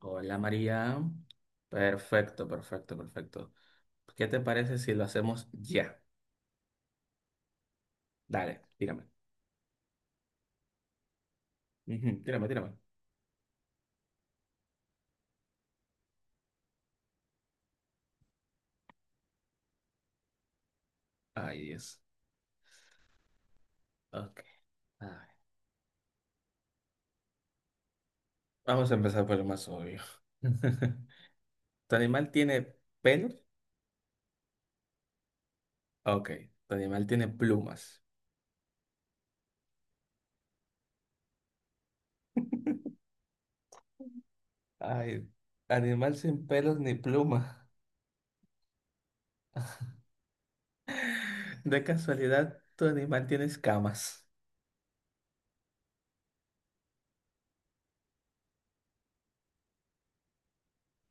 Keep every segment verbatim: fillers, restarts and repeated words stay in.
Hola María. Perfecto, perfecto, perfecto. ¿Qué te parece si lo hacemos ya? Dale, tírame. Ujú, tírame, tírame. Ay, Dios. Ok. A ver, vamos a empezar por lo más obvio. ¿Tu animal tiene pelos? Ok. ¿Tu animal tiene plumas? Ay, animal sin pelos ni plumas. De casualidad, ¿tu animal tiene escamas?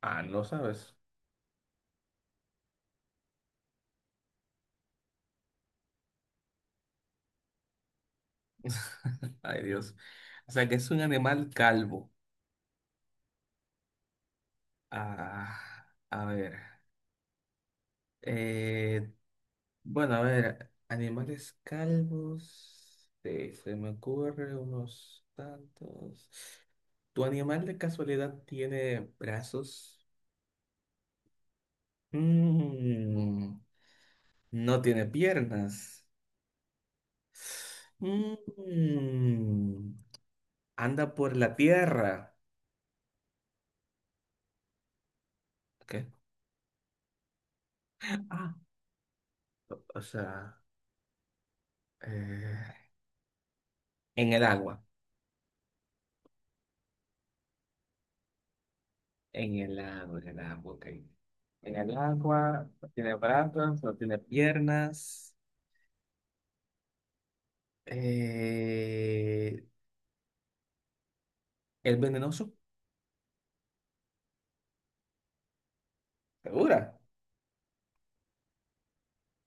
Ah, no sabes. Ay, Dios. O sea que es un animal calvo. Ah, a ver. Eh, bueno, a ver, animales calvos. Eh, se me ocurre unos tantos. ¿Tu animal de casualidad tiene brazos? Mm, no tiene piernas. Mm, Anda por la tierra. ¿Qué? Ah, o o sea, eh, en el agua. En el agua, en el agua, ok. En el agua, no tiene brazos, no tiene piernas. Eh, ¿Es venenoso? ¿Segura?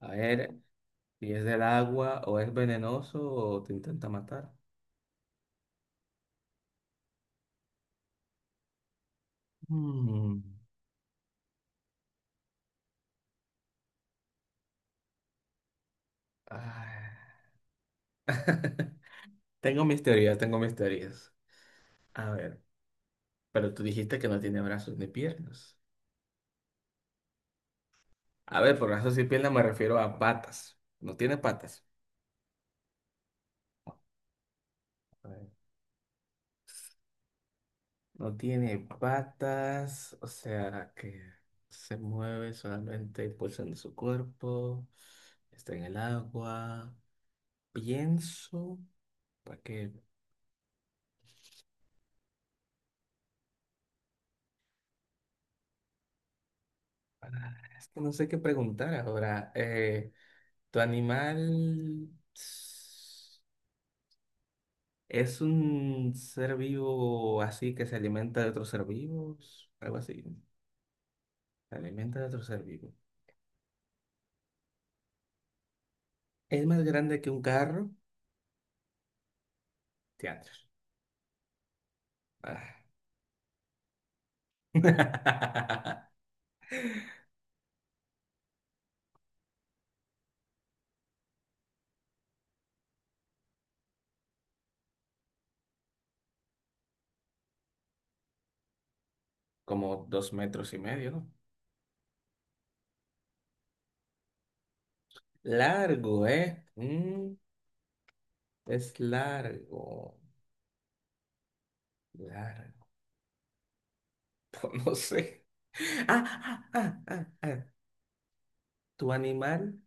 A ver, si es del agua o es venenoso o te intenta matar. Mm, ah. Tengo mis teorías, tengo mis teorías. A ver, pero tú dijiste que no tiene brazos ni piernas. A ver, por brazos y piernas me refiero a patas. No tiene patas. A ver. No tiene patas, o sea que se mueve solamente impulsando su cuerpo. Está en el agua. Pienso, para que, para- es que no sé qué preguntar ahora. Eh, ¿tu animal s- es un ser vivo así que se alimenta de otros ser vivos? Algo así. Se alimenta de otros ser vivos. ¿Es más grande que un carro? Teatro. Ah. Como dos metros y medio, ¿no? Largo, ¿eh? Mm, es largo, largo. No sé. Ah, ah, ah, ah, ah. ¿Tu animal?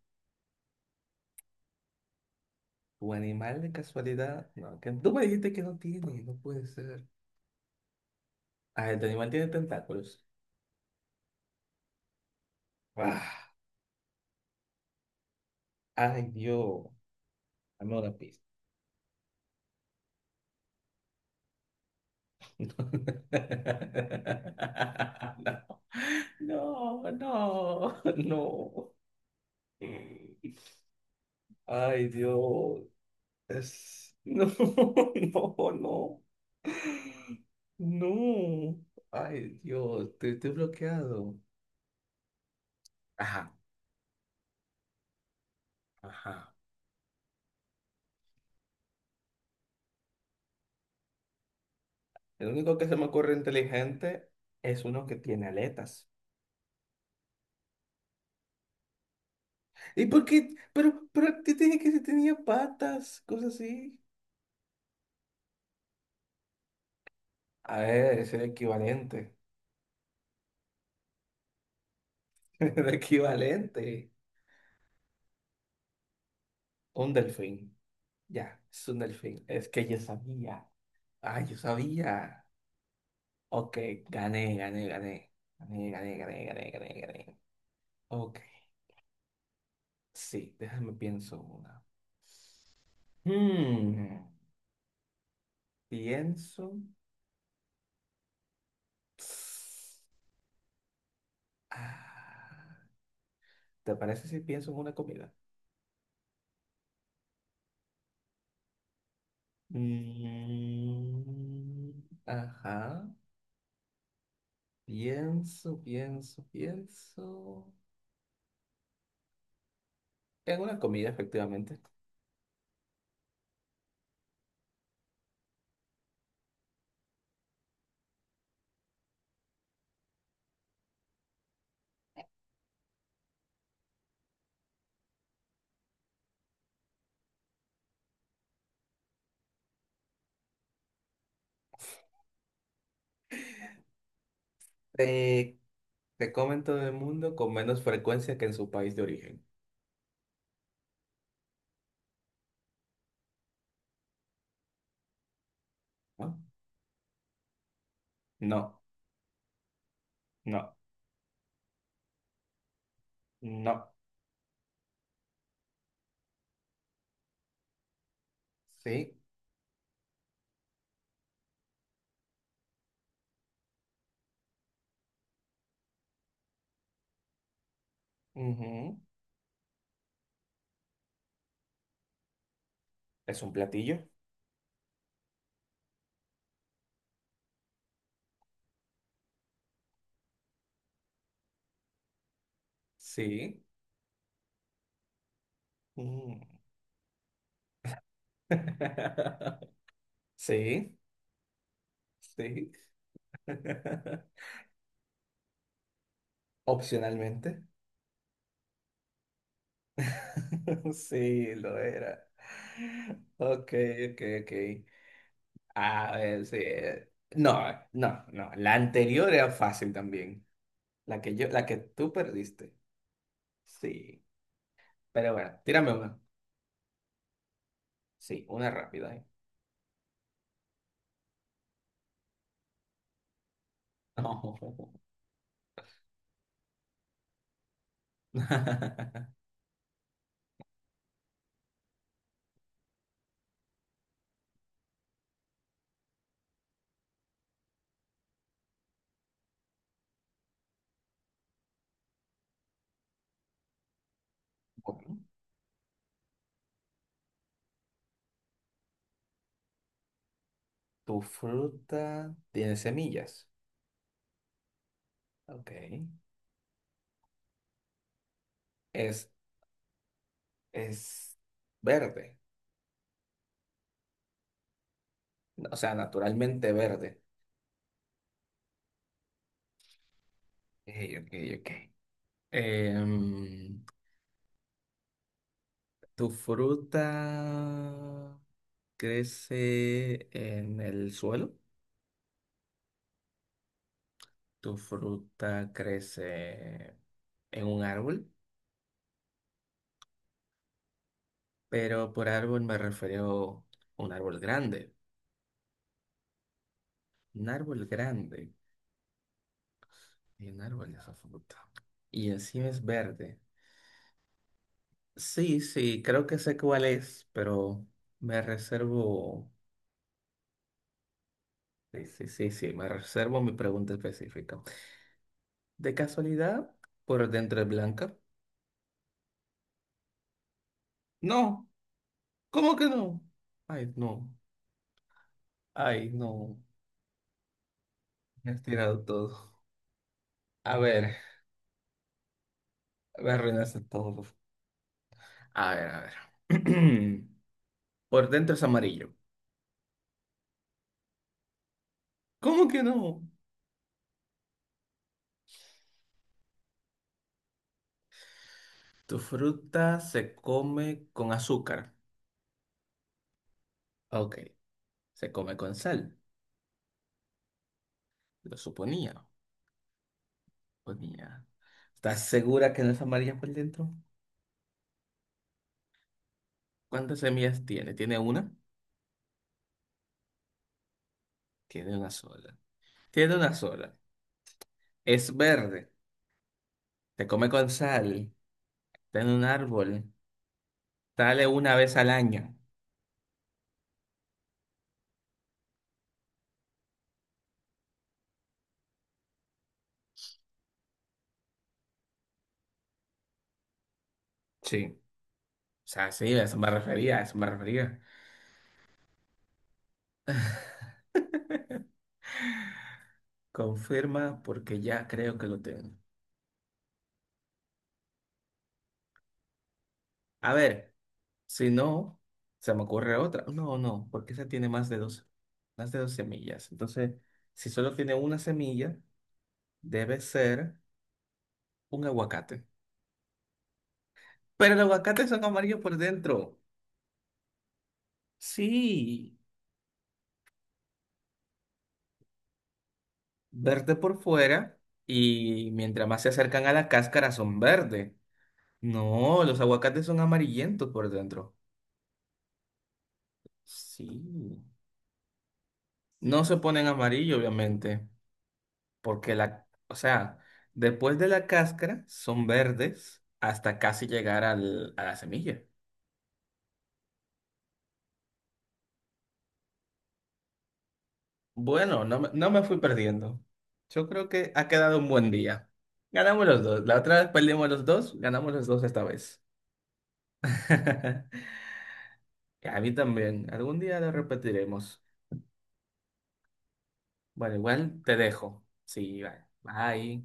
¿Tu animal de casualidad? No, que tú me dijiste que no tiene, no puede ser. Ah, el animal tiene tentáculos. Ah, ay, Dios. Dame una pista. No, no, no. No. Ay, Dios. Es... No, no, no, no. Ay, Dios, estoy, estoy bloqueado. Ajá, ajá. El único que se me ocurre inteligente es uno que tiene aletas. ¿Y por qué? Pero, pero te dije que se tenía patas, cosas así. A ver, es el equivalente. El equivalente. Un delfín. Ya, es un delfín. Es que yo sabía. Ay, yo sabía. Ok, gané, gané, gané. Gané, gané, gané, gané, gané, gané. Ok. Sí, déjame pienso una. Hmm, Pienso. Ah, ¿te parece si pienso en una comida? Mm, ajá. Pienso, pienso, pienso. En una comida, efectivamente. Te, te comen todo el mundo con menos frecuencia que en su país de origen. ¿No? No, no, no. Sí. Ujú. ¿Es un platillo? Sí. Mm. Sí, sí. Opcionalmente. Sí, lo era. Ok, ok, ok. A ver, sí. eh, No, no, no. La anterior era fácil también. La que yo, la que tú perdiste. Sí. Pero bueno, tírame una. Sí, una rápida. ¿Eh? No. Bueno, tu fruta tiene semillas. Ok. Es, es verde. O sea, naturalmente verde. Ok, ok, ok. Em, ¿Tu fruta crece en el suelo? ¿Tu fruta crece en un árbol? Pero por árbol me refiero a un árbol grande. Un árbol grande. Y un árbol de esa fruta. Y encima es verde. Sí, sí, creo que sé cuál es, pero me reservo. Sí, sí, sí, sí, me reservo mi pregunta específica. ¿De casualidad? ¿Por dentro es blanca? No, ¿cómo que no? Ay, no, ay, no, me has tirado todo. A ver, me arruinaste todo. A ver, a ver. Por dentro es amarillo. ¿Cómo que no? Tu fruta se come con azúcar. Ok, se come con sal. Lo suponía, suponía. ¿Estás segura que no es amarilla por dentro? ¿Cuántas semillas tiene? ¿Tiene una? Tiene una sola. Tiene una sola. Es verde. Se come con sal, está en un árbol, sale una vez al año. Sí, o sea, sí, a eso me refería, a eso me refería. Confirma porque ya creo que lo tengo. A ver, si no, se me ocurre otra. No, no, porque esa tiene más de dos, más de dos semillas. Entonces, si solo tiene una semilla, debe ser un aguacate. Pero los aguacates son amarillos por dentro. Sí, verde por fuera y mientras más se acercan a la cáscara son verdes. No, los aguacates son amarillentos por dentro. Sí. No se ponen amarillo, obviamente, porque la, o sea, después de la cáscara son verdes hasta casi llegar al- a la semilla. Bueno, no, me- no me fui perdiendo. Yo creo que ha quedado un buen día. Ganamos los dos. La otra vez perdimos los dos, ganamos los dos esta vez. Y a mí también. Algún día lo repetiremos. Bueno, igual te dejo. Sí, bye. Bye.